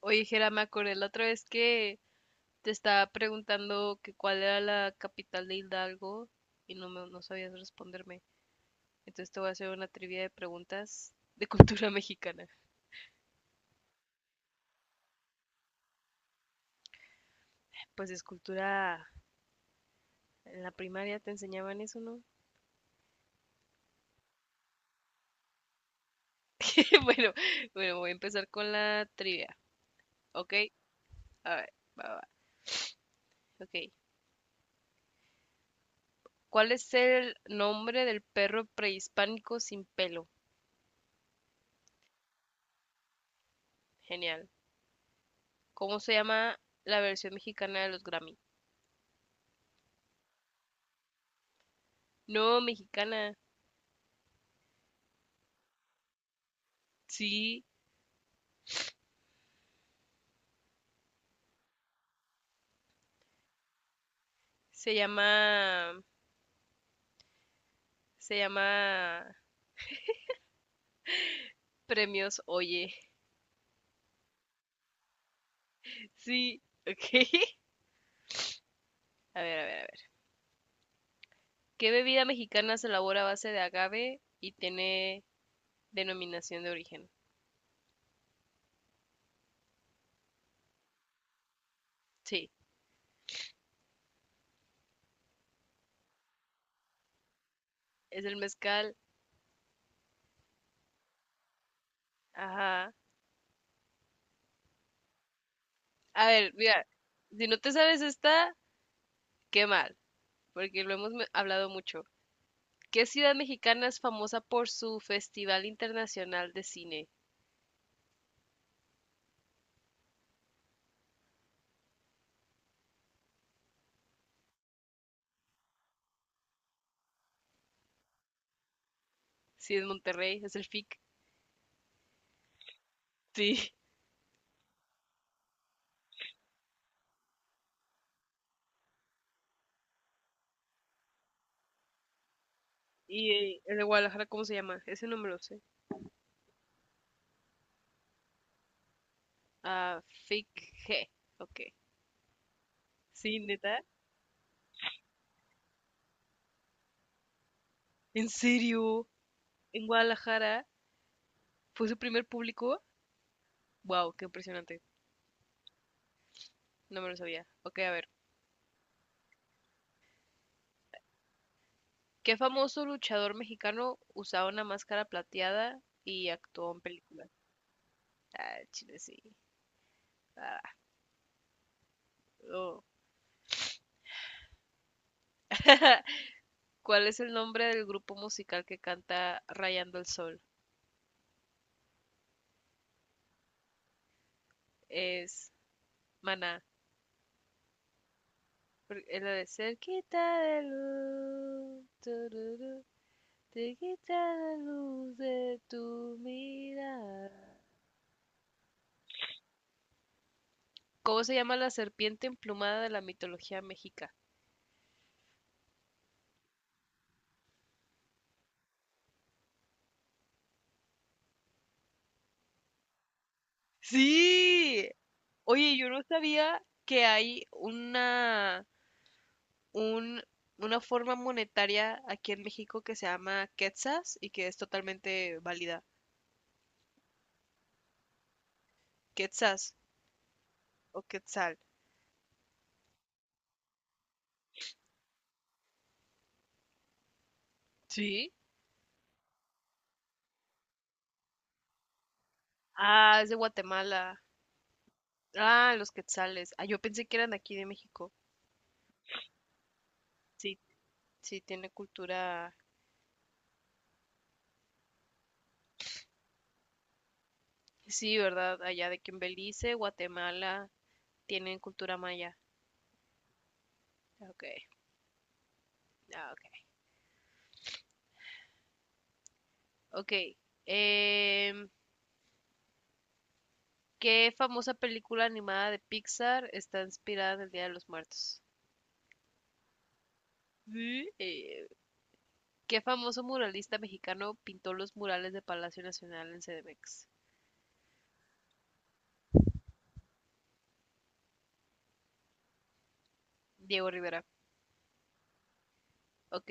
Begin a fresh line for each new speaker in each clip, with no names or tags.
Oye, Jera, me acordé la otra vez que te estaba preguntando que cuál era la capital de Hidalgo y no sabías responderme. Entonces te voy a hacer una trivia de preguntas de cultura mexicana. Pues es cultura, en la primaria te enseñaban eso, ¿no? Bueno, bueno, voy a empezar con la trivia, ¿ok? A ver, va, ok. ¿Cuál es el nombre del perro prehispánico sin pelo? Genial. ¿Cómo se llama la versión mexicana de los Grammy? No, mexicana. Sí, se llama, se llama Premios Oye. Sí, ok. A ver. ¿Qué bebida mexicana se elabora a base de agave y tiene denominación de origen? Sí, es el mezcal. Ajá. A ver, mira, si no te sabes esta, qué mal, porque lo hemos hablado mucho. ¿Qué ciudad mexicana es famosa por su Festival Internacional de Cine? Sí, es Monterrey, es el FIC. Sí. ¿Y el de Guadalajara cómo se llama? Ese no me lo sé. Ah, Fake G. Ok. Sí, neta. ¿En serio? ¿En Guadalajara? ¿Fue su primer público? Wow, qué impresionante. No me lo sabía. Ok, a ver. ¿Qué famoso luchador mexicano usaba una máscara plateada y actuó en películas? Ah, chile, sí. Ah, oh. ¿Cuál es el nombre del grupo musical que canta Rayando el Sol? Es Maná. Es la de Cerquita de luz. Te quita la luz de tu mirada. ¿Cómo se llama la serpiente emplumada de la mitología mexica? Sí. Oye, yo no sabía que hay un, una forma monetaria aquí en México que se llama quetzas y que es totalmente válida. Quetzas o quetzal. Sí. Ah, es de Guatemala. Ah, los quetzales. Ah, yo pensé que eran de aquí de México. Sí, sí, tiene cultura. Sí, ¿verdad? Allá de que en Belice, Guatemala, tienen cultura maya. Ok, ah, ok. Ok. em, ¿Qué famosa película animada de Pixar está inspirada en el Día de los Muertos? ¿Mm? ¿Qué famoso muralista mexicano pintó los murales de Palacio Nacional en CDMX? Diego Rivera. Ok.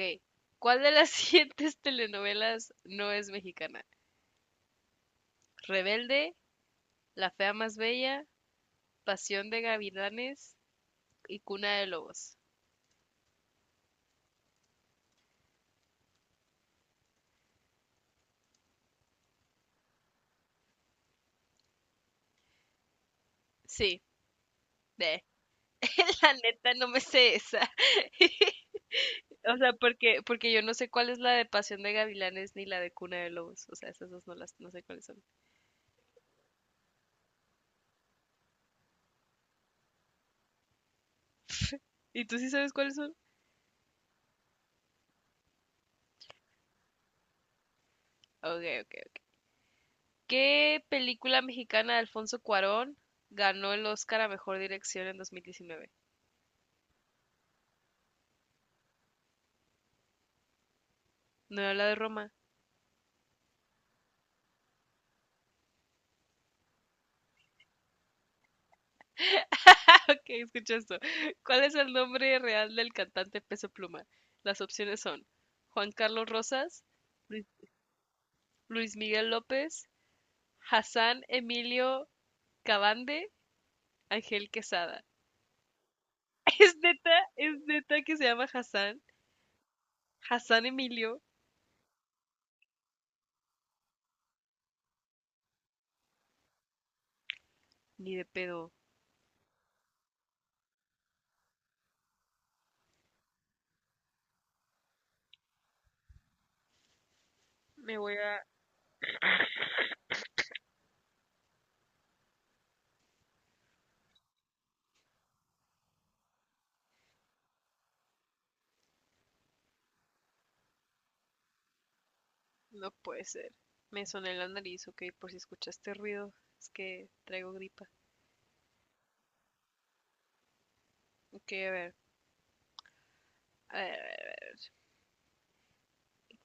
¿Cuál de las siguientes telenovelas no es mexicana? Rebelde, La fea más bella, Pasión de gavilanes y Cuna de lobos. Sí, ve. La neta no me sé esa. O sea, porque yo no sé cuál es la de Pasión de Gavilanes ni la de Cuna de Lobos. O sea, esas dos no sé cuáles son. ¿Y tú sí sabes cuáles son? Ok, ok, ok. ¿Qué película mexicana de Alfonso Cuarón ganó el Oscar a Mejor Dirección en 2019? No, era la de Roma. Ah, ok, escucha esto. ¿Cuál es el nombre real del cantante Peso Pluma? Las opciones son Juan Carlos Rosas, Luis Luis Miguel López, Hassan Emilio Cabande Ángel Quesada. Es neta, es neta que se llama Hassan. Hassan Emilio, ni de pedo. Me voy a... No puede ser. Me soné la nariz, ok, por si escuchaste ruido. Es que traigo gripa. Ok, a ver. A ver, a ver.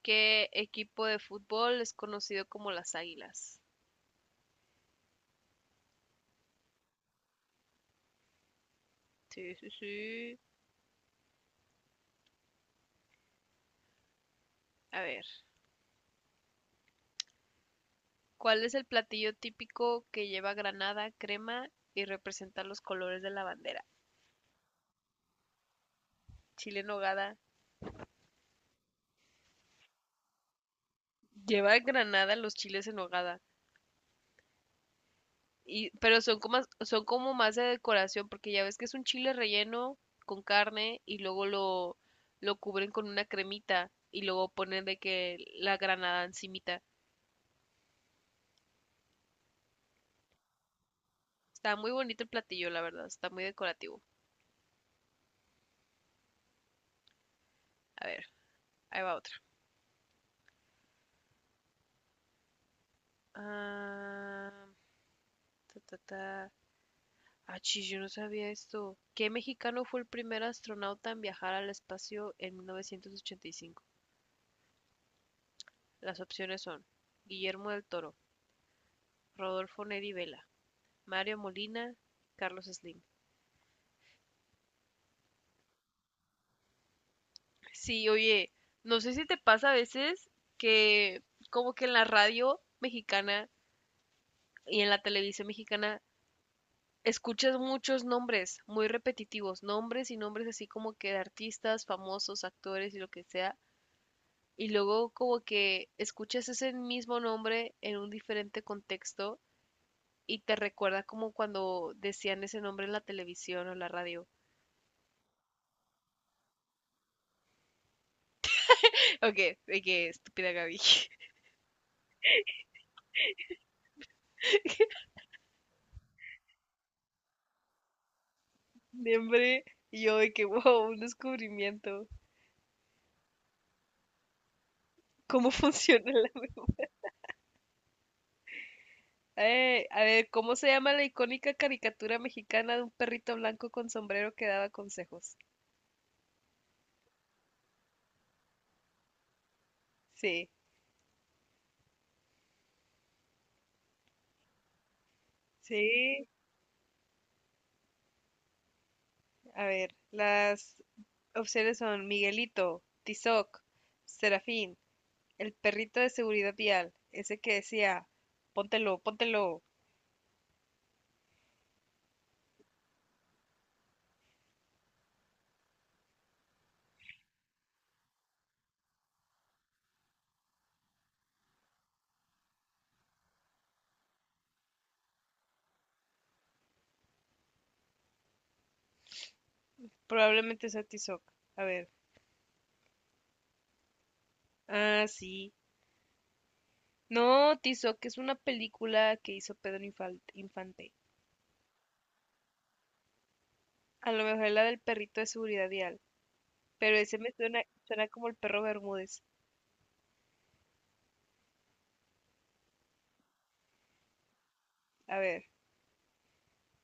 ¿Qué equipo de fútbol es conocido como las Águilas? Sí, sí, sí. A ver. ¿Cuál es el platillo típico que lleva granada, crema y representa los colores de la bandera? Chile en hogada. Lleva granada los chiles en hogada. Y, pero son como más de decoración, porque ya ves que es un chile relleno con carne y luego lo cubren con una cremita y luego ponen de que la granada encimita. Está muy bonito el platillo, la verdad, está muy decorativo. A ver, ahí va otra. Ah, ta, ta, ta. Ah, chis, yo no sabía esto. ¿Qué mexicano fue el primer astronauta en viajar al espacio en 1985? Las opciones son Guillermo del Toro, Rodolfo Neri Vela, Mario Molina, Carlos Slim. Sí, oye, no sé si te pasa a veces que como que en la radio mexicana y en la televisión mexicana escuchas muchos nombres muy repetitivos, nombres y nombres así como que de artistas, famosos, actores y lo que sea, y luego como que escuchas ese mismo nombre en un diferente contexto y te recuerda como cuando decían ese nombre en la televisión o la radio. Ok, ok, estúpida Gaby. de hambre. Y yo de que, wow, un descubrimiento. ¿Cómo funciona la... A ver, ¿cómo se llama la icónica caricatura mexicana de un perrito blanco con sombrero que daba consejos? Sí, sí. A ver, las opciones son Miguelito, Tizoc, Serafín, el perrito de seguridad vial, ese que decía, póntelo. Probablemente sea Tizoc. A ver. Ah, sí. No, Tizoc es una película que hizo Pedro Infante. A lo mejor es la del perrito de seguridad vial, pero ese me suena como el perro Bermúdez. A ver,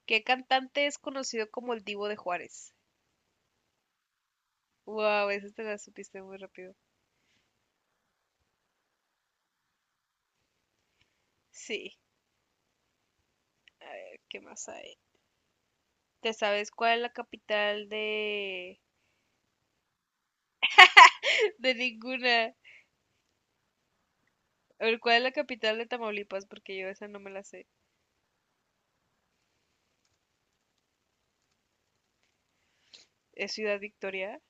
¿qué cantante es conocido como el Divo de Juárez? Wow, esa te la supiste muy rápido. Sí, a ver, ¿qué más hay? ¿Te sabes cuál es la capital de... de ninguna? A ver, ¿cuál es la capital de Tamaulipas? Porque yo esa no me la sé. ¿Es Ciudad Victoria?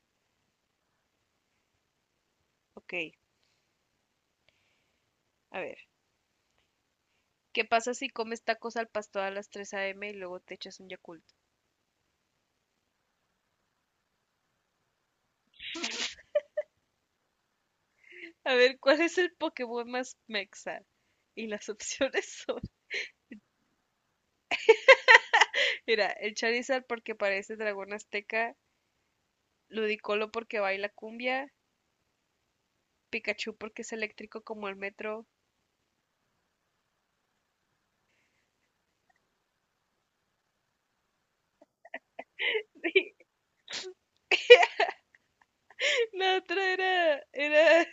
Ok, a ver. ¿Qué pasa si comes tacos al pastor a las 3 a.m. y luego te echas un Yakult? A ver, ¿cuál es el Pokémon más mexa? Y las opciones son, mira, el Charizard porque parece dragón azteca, Ludicolo porque baila cumbia, Pikachu porque es eléctrico como el metro. La otra era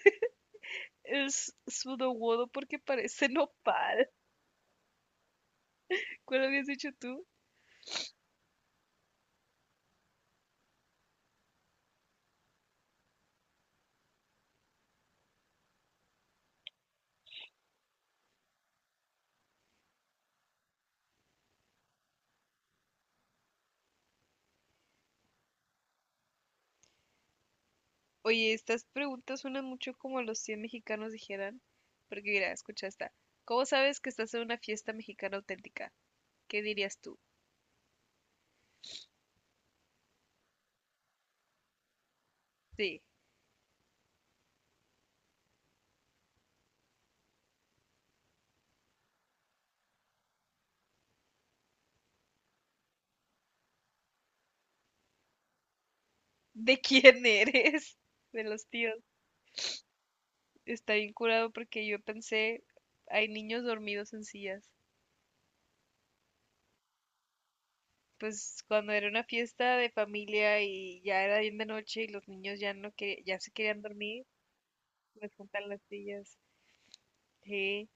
el Sudowodo porque parece nopal. ¿Cuál habías dicho tú? Oye, estas preguntas suenan mucho como los 100 mexicanos dijeran. Porque mira, escucha esta. ¿Cómo sabes que estás en una fiesta mexicana auténtica? ¿Qué dirías tú? Sí, ¿de quién eres? De los tíos. Está bien curado porque yo pensé, hay niños dormidos en sillas. Pues cuando era una fiesta de familia y ya era bien de noche y los niños ya no que ya se querían dormir, me juntan las sillas. Sí,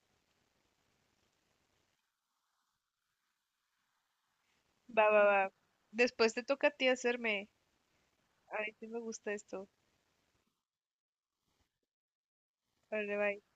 va. Después te toca a ti hacerme. A mí sí me gusta esto. Vale, bye.